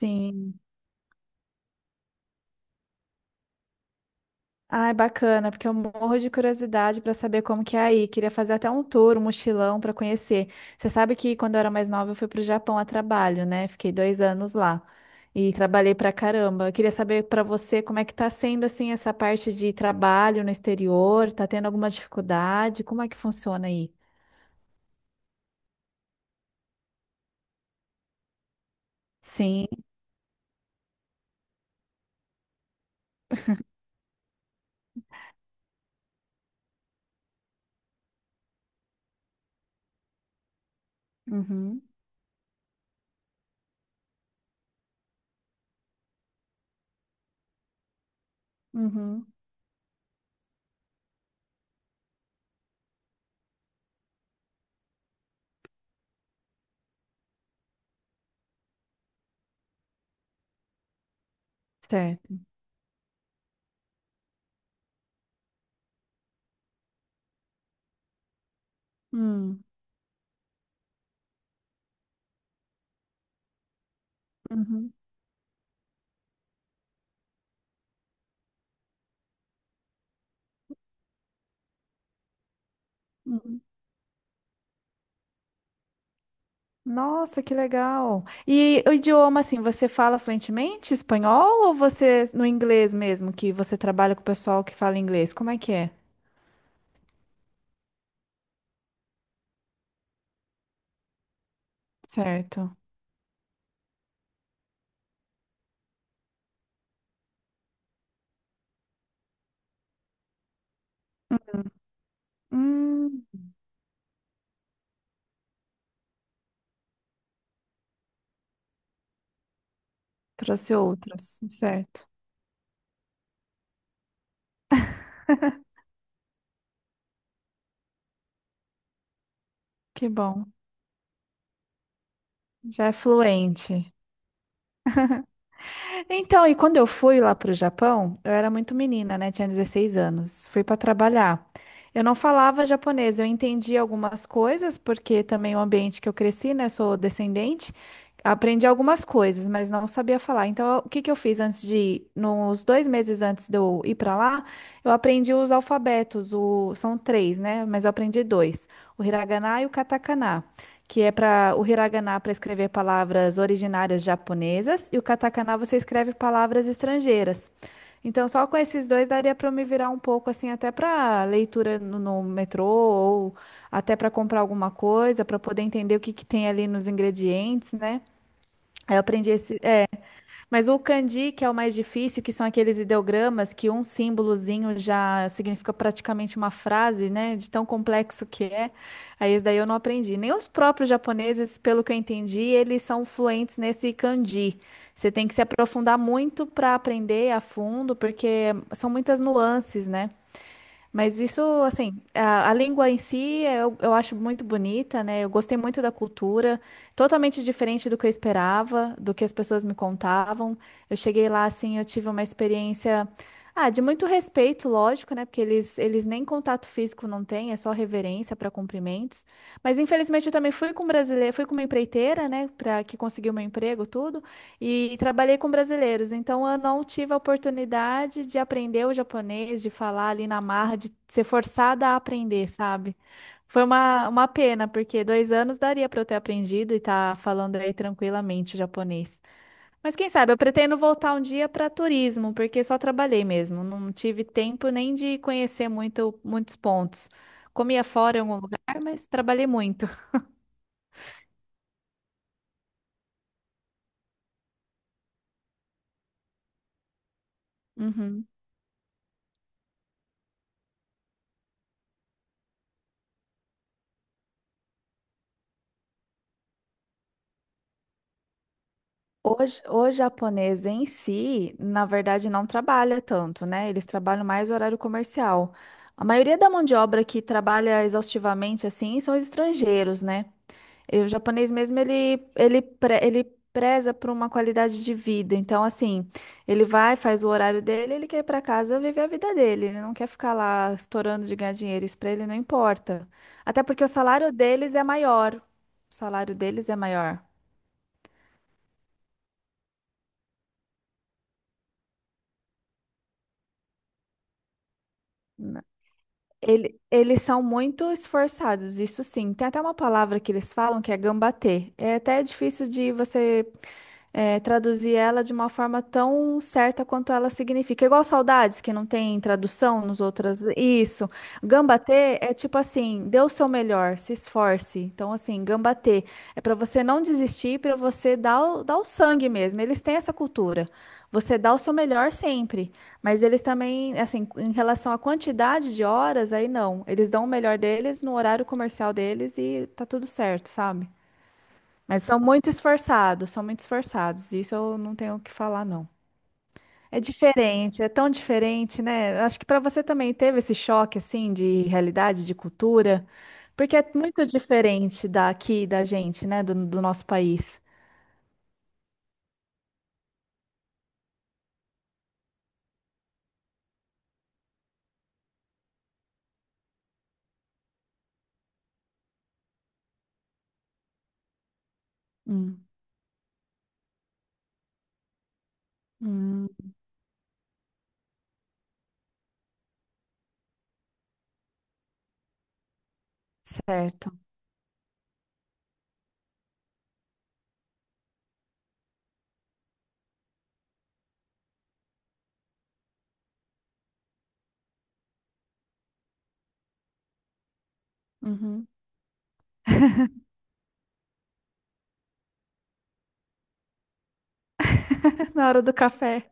Sim. Ai, bacana, porque eu morro de curiosidade para saber como que é aí. Queria fazer até um tour, um mochilão para conhecer. Você sabe que quando eu era mais nova eu fui para Japão a trabalho, né? Fiquei 2 anos lá e trabalhei pra caramba. Eu queria saber para você como é que tá sendo assim essa parte de trabalho no exterior. Tá tendo alguma dificuldade? Como é que funciona aí? Sim. Uhum. Uhum. Certo. Hum. Uhum. Uhum. Nossa, que legal. E o idioma, assim, você fala fluentemente espanhol ou você no inglês mesmo, que você trabalha com o pessoal que fala inglês? Como é que é? Certo. Hum, trouxe outros, certo. Que bom. Já é fluente. Então, e quando eu fui lá para o Japão, eu era muito menina, né? Tinha 16 anos. Fui para trabalhar. Eu não falava japonês, eu entendi algumas coisas, porque também o ambiente que eu cresci, né? Sou descendente, aprendi algumas coisas, mas não sabia falar. Então, o que que eu fiz antes de ir? Nos 2 meses antes de eu ir para lá, eu aprendi os alfabetos, são três, né? Mas eu aprendi dois: o hiragana e o katakana que é para o hiragana para escrever palavras originárias japonesas e o katakana você escreve palavras estrangeiras. Então, só com esses dois daria para eu me virar um pouco assim, até para leitura no metrô ou até para comprar alguma coisa, para poder entender o que que tem ali nos ingredientes, né? Aí eu aprendi mas o kanji, que é o mais difícil, que são aqueles ideogramas que um símbolozinho já significa praticamente uma frase, né? De tão complexo que é. Aí esse daí eu não aprendi. Nem os próprios japoneses, pelo que eu entendi, eles são fluentes nesse kanji. Você tem que se aprofundar muito para aprender a fundo, porque são muitas nuances, né? Mas isso, assim, a língua em si eu acho muito bonita, né? Eu gostei muito da cultura, totalmente diferente do que eu esperava, do que as pessoas me contavam. Eu cheguei lá, assim, eu tive uma experiência, ah, de muito respeito, lógico, né? Porque eles nem contato físico não têm, é só reverência para cumprimentos. Mas infelizmente eu também fui com brasileiro, fui com uma empreiteira, né? Para que conseguiu meu emprego, tudo. E trabalhei com brasileiros, então eu não tive a oportunidade de aprender o japonês, de falar ali na marra, de ser forçada a aprender, sabe? Foi uma pena, porque 2 anos daria para eu ter aprendido e estar falando aí tranquilamente o japonês. Mas quem sabe, eu pretendo voltar um dia para turismo, porque só trabalhei mesmo, não tive tempo nem de conhecer muito, muitos pontos. Comia fora em algum lugar, mas trabalhei muito. Uhum. O, o japonês em si, na verdade, não trabalha tanto, né? Eles trabalham mais horário comercial. A maioria da mão de obra que trabalha exaustivamente assim são os estrangeiros, né? E o japonês mesmo, ele preza por uma qualidade de vida. Então, assim, ele vai, faz o horário dele, ele quer ir para casa viver a vida dele. Ele não quer ficar lá estourando de ganhar dinheiro. Isso para ele não importa. Até porque o salário deles é maior. O salário deles é maior. Ele- eles são muito esforçados, isso sim. Tem até uma palavra que eles falam que é gambatê. É até difícil de você traduzir ela de uma forma tão certa quanto ela significa. Igual saudades, que não tem tradução nos outras. Isso. Gambatê é tipo assim, dê o seu melhor, se esforce. Então, assim, gambatê é para você não desistir, para você dar o sangue mesmo. Eles têm essa cultura. Você dá o seu melhor sempre, mas eles também, assim, em relação à quantidade de horas, aí não. Eles dão o melhor deles no horário comercial deles e tá tudo certo, sabe? Mas são muito esforçados, são muito esforçados. Isso eu não tenho o que falar, não. É diferente, é tão diferente, né? Acho que para você também teve esse choque assim de realidade, de cultura, porque é muito diferente daqui da gente, né? Do nosso país. Hum, hum, certo. Uhum. Na hora do café,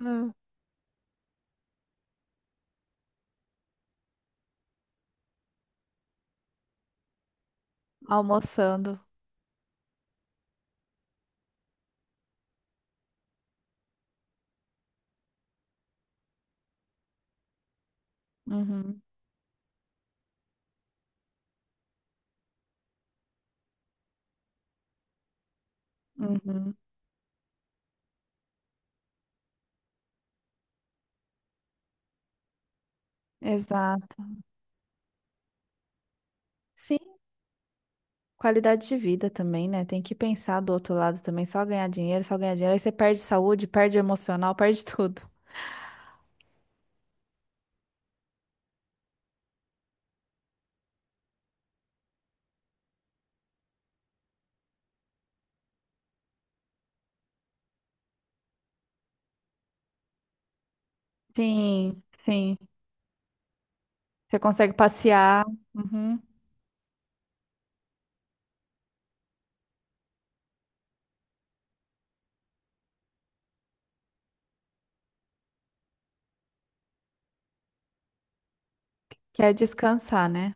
hum, almoçando. Uhum, uhum, exato. Sim, qualidade de vida também, né? Tem que pensar do outro lado também, só ganhar dinheiro, só ganhar dinheiro. Aí você perde saúde, perde o emocional, perde tudo. Sim, sim. Você consegue passear, uhum. Quer descansar, né?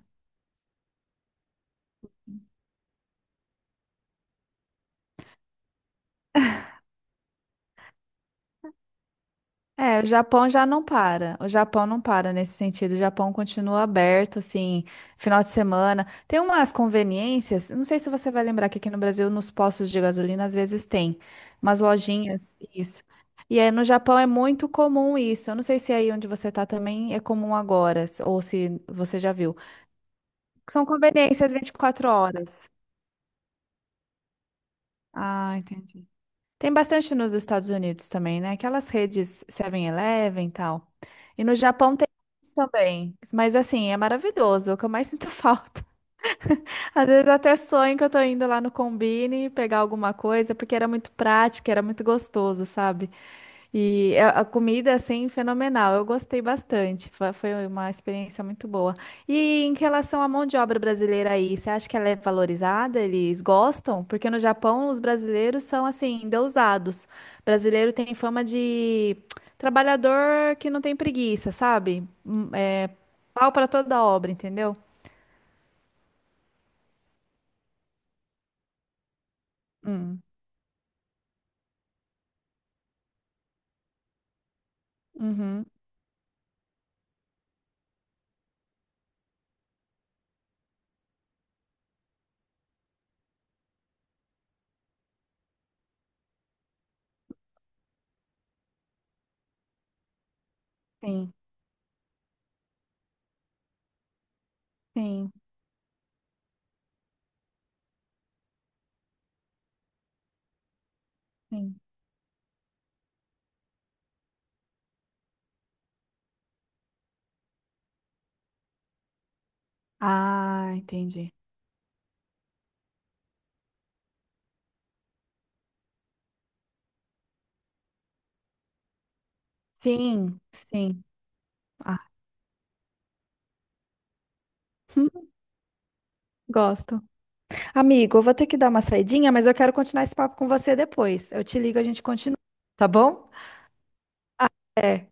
É, o Japão já não para. O Japão não para nesse sentido. O Japão continua aberto, assim, final de semana. Tem umas conveniências, não sei se você vai lembrar que aqui no Brasil, nos postos de gasolina, às vezes tem umas lojinhas, isso. E aí no Japão é muito comum isso. Eu não sei se aí onde você tá também é comum agora, ou se você já viu. São conveniências 24 horas. Ah, entendi. Tem bastante nos Estados Unidos também, né? Aquelas redes 7-Eleven e tal. E no Japão tem isso também. Mas assim, é maravilhoso, é o que eu mais sinto falta. Às vezes eu até sonho que eu tô indo lá no Combini pegar alguma coisa, porque era muito prático, era muito gostoso, sabe? E a comida, assim, fenomenal. Eu gostei bastante. Foi uma experiência muito boa. E em relação à mão de obra brasileira aí, você acha que ela é valorizada? Eles gostam? Porque no Japão, os brasileiros são, assim, endeusados. Brasileiro tem fama de trabalhador que não tem preguiça, sabe? É pau para toda obra, entendeu? Hum. Uhum. Sim, sim, sim. Ah, entendi. Sim, sim. Ah, gosto. Amigo, eu vou ter que dar uma saidinha, mas eu quero continuar esse papo com você depois. Eu te ligo, a gente continua, tá bom? Ah, é.